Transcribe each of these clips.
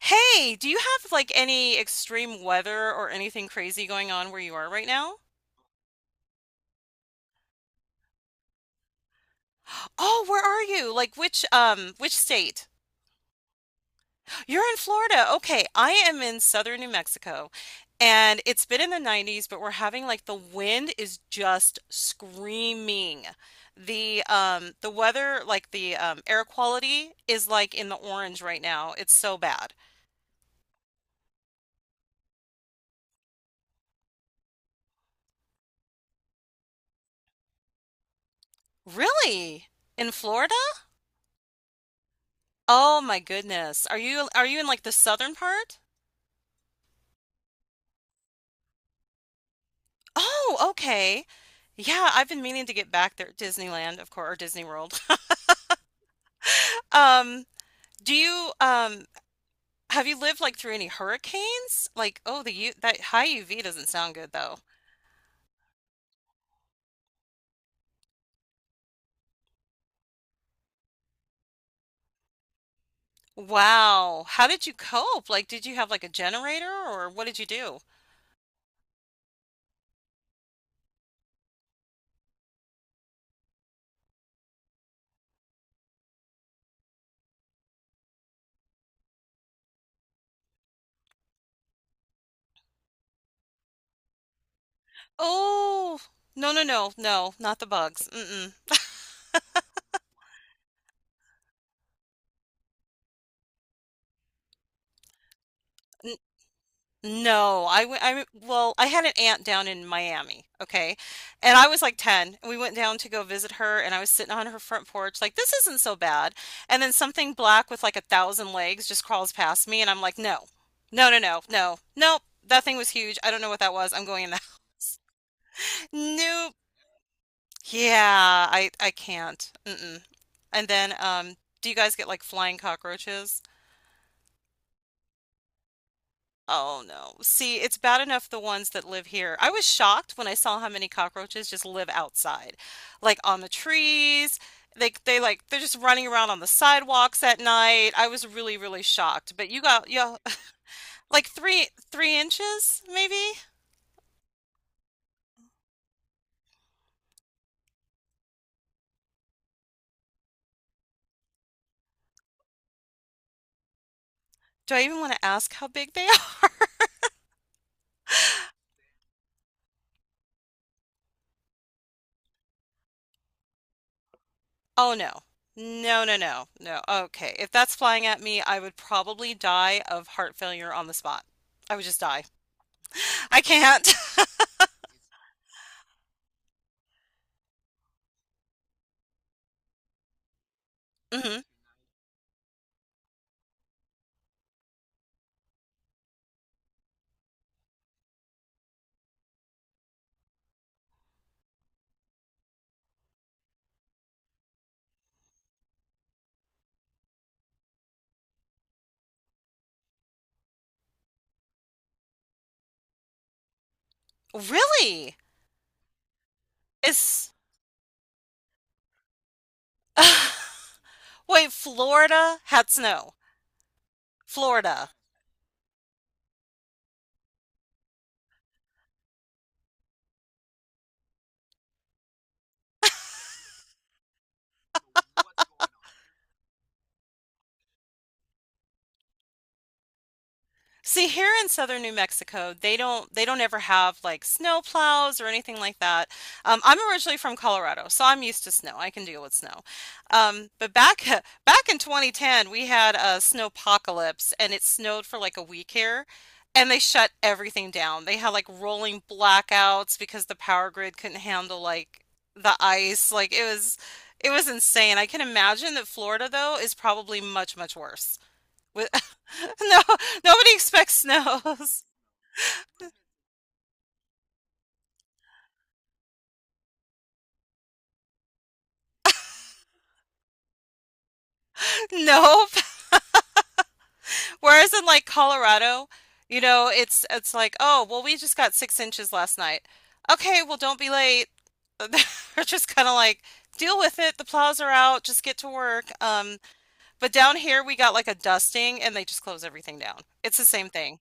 Hey, do you have like any extreme weather or anything crazy going on where you are right now? Oh, where are you? Like which state? You're in Florida. Okay, I am in southern New Mexico. And it's been in the 90s, but we're having like the wind is just screaming. The weather, like the air quality is like in the orange right now. It's so bad. Really? In Florida? Oh my goodness. Are you in like the southern part? Oh, okay. Yeah, I've been meaning to get back there, Disneyland, of course, or Disney World. Um, do you have you lived like through any hurricanes? Like, oh, the U that high UV doesn't sound good though. Wow. How did you cope? Like, did you have like a generator or what did you do? Oh, no, no, no, no, not the bugs. Mm-mm. No, I well, I had an aunt down in Miami, okay? And I was like 10, and we went down to go visit her, and I was sitting on her front porch, like, this isn't so bad. And then something black with like a thousand legs just crawls past me, and I'm like, no, no, no, no, no, nope, that thing was huge. I don't know what that was. I'm going in the house. Nope. Yeah, I can't. Mm-mm. And then, do you guys get like flying cockroaches? Oh no. See, it's bad enough the ones that live here. I was shocked when I saw how many cockroaches just live outside, like on the trees. They like they're just running around on the sidewalks at night. I was really, really shocked. But you got yeah, like three inches maybe? Do I even want to ask how big they are? Oh no. No, no, no, no. Okay. If that's flying at me, I would probably die of heart failure on the spot. I would just die. I can't. Hmm. Really? It's wait, Florida had snow. Florida. See, here in southern New Mexico, they don't ever have like snow plows or anything like that. I'm originally from Colorado, so I'm used to snow. I can deal with snow. But back back in 2010, we had a snowpocalypse, and it snowed for like a week here, and they shut everything down. They had like rolling blackouts because the power grid couldn't handle like the ice. Like it was insane. I can imagine that Florida though is probably much, much worse. Wi- no, nobody expects snows. Nope. Whereas in like Colorado, you know, it's like, oh, well, we just got 6 inches last night. Okay, well, don't be late. They're just kind of like, deal with it. The plows are out. Just get to work. But down here we got like a dusting, and they just close everything down. It's the same thing.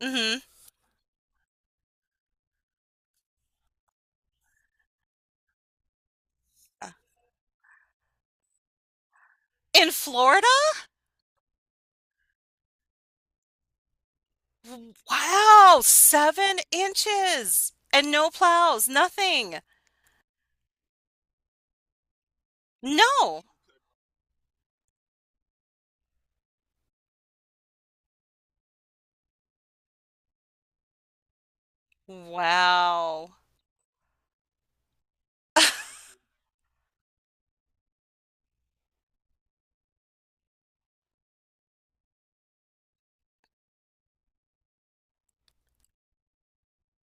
Hmm. In Florida? Wow, 7 inches and no plows, nothing. No. Wow.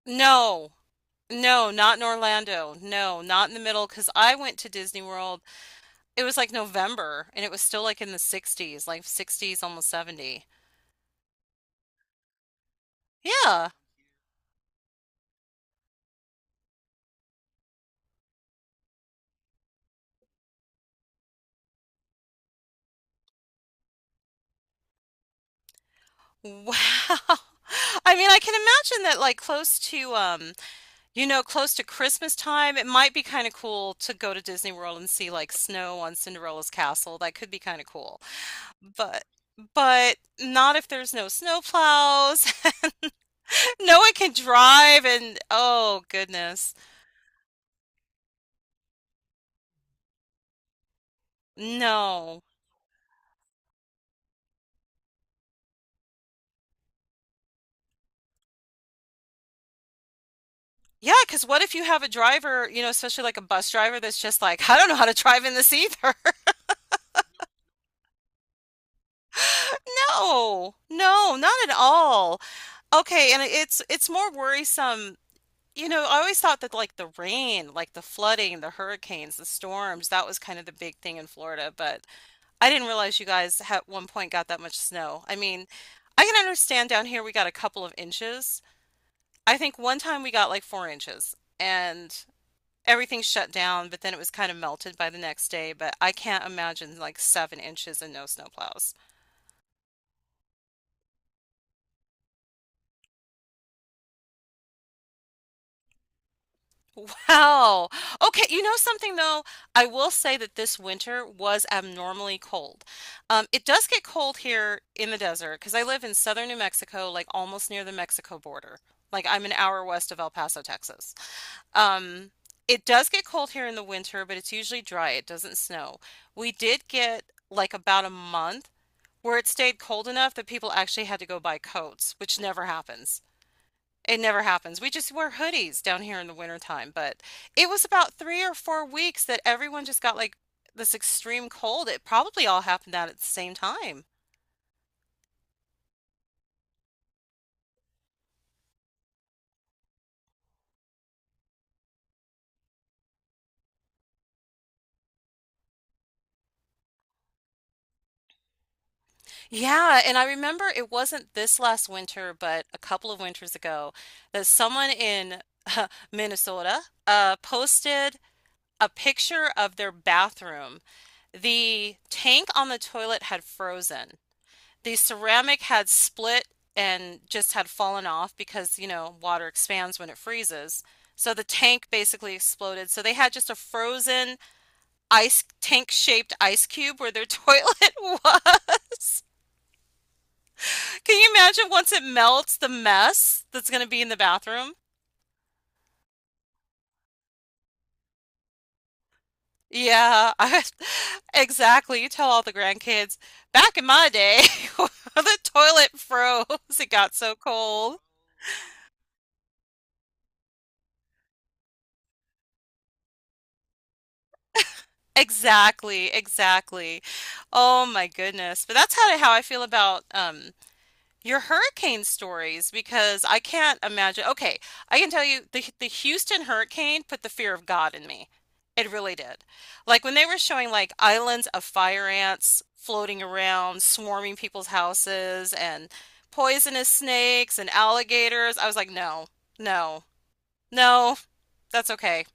No. No, not in Orlando. No, not in the middle, because I went to Disney World. It was like November, and it was still like in the 60s, like 60s, almost 70. Yeah. Wow. I mean, I can imagine that like close to you know, close to Christmas time, it might be kind of cool to go to Disney World and see like snow on Cinderella's castle. That could be kind of cool. But but not if there's no snowplows. No one can drive and oh goodness. No. Yeah, because what if you have a driver, you know, especially like a bus driver that's just like, I don't know how to drive in this either. No, no, not at all. Okay, and it's more worrisome. You know, I always thought that like the rain, like the flooding, the hurricanes, the storms, that was kind of the big thing in Florida, but I didn't realize you guys at one point got that much snow. I mean, I can understand down here we got a couple of inches. I think one time we got like 4 inches and everything shut down, but then it was kind of melted by the next day. But I can't imagine like 7 inches and no snowplows. Wow. Okay, you know something though? I will say that this winter was abnormally cold. It does get cold here in the desert because I live in southern New Mexico, like almost near the Mexico border. Like I'm an hour west of El Paso, Texas. Um, it does get cold here in the winter, but it's usually dry. It doesn't snow. We did get like about a month where it stayed cold enough that people actually had to go buy coats, which never happens. It never happens. We just wear hoodies down here in the wintertime, but it was about 3 or 4 weeks that everyone just got like this extreme cold. It probably all happened out at the same time. Yeah, and I remember it wasn't this last winter, but a couple of winters ago, that someone in Minnesota posted a picture of their bathroom. The tank on the toilet had frozen. The ceramic had split and just had fallen off because, you know, water expands when it freezes. So the tank basically exploded. So they had just a frozen ice tank-shaped ice cube where their toilet was. Can you imagine once it melts the mess that's going to be in the bathroom? Yeah, exactly. You tell all the grandkids, back in my day, the toilet froze. It got so cold. Exactly, exactly. Oh my goodness. But that's how I feel about your hurricane stories, because I can't imagine. Okay, I can tell you the Houston hurricane put the fear of God in me. It really did. Like when they were showing like islands of fire ants floating around, swarming people's houses, and poisonous snakes and alligators, I was like, no, no, no, that's okay.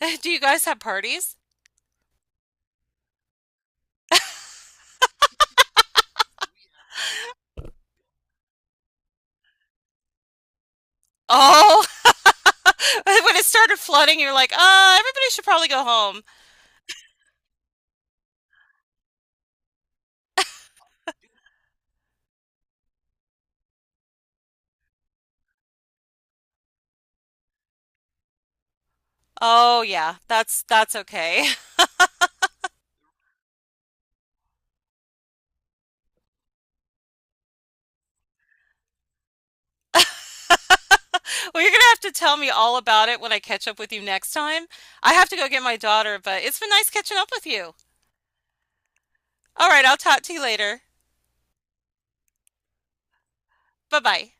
Do you guys have parties? Oh, when it started flooding, you're like, everybody should probably go home. Oh yeah, that's okay. Well, you're gonna have to tell me all about it when I catch up with you next time. I have to go get my daughter, but it's been nice catching up with you. All right, I'll talk to you later. Bye bye.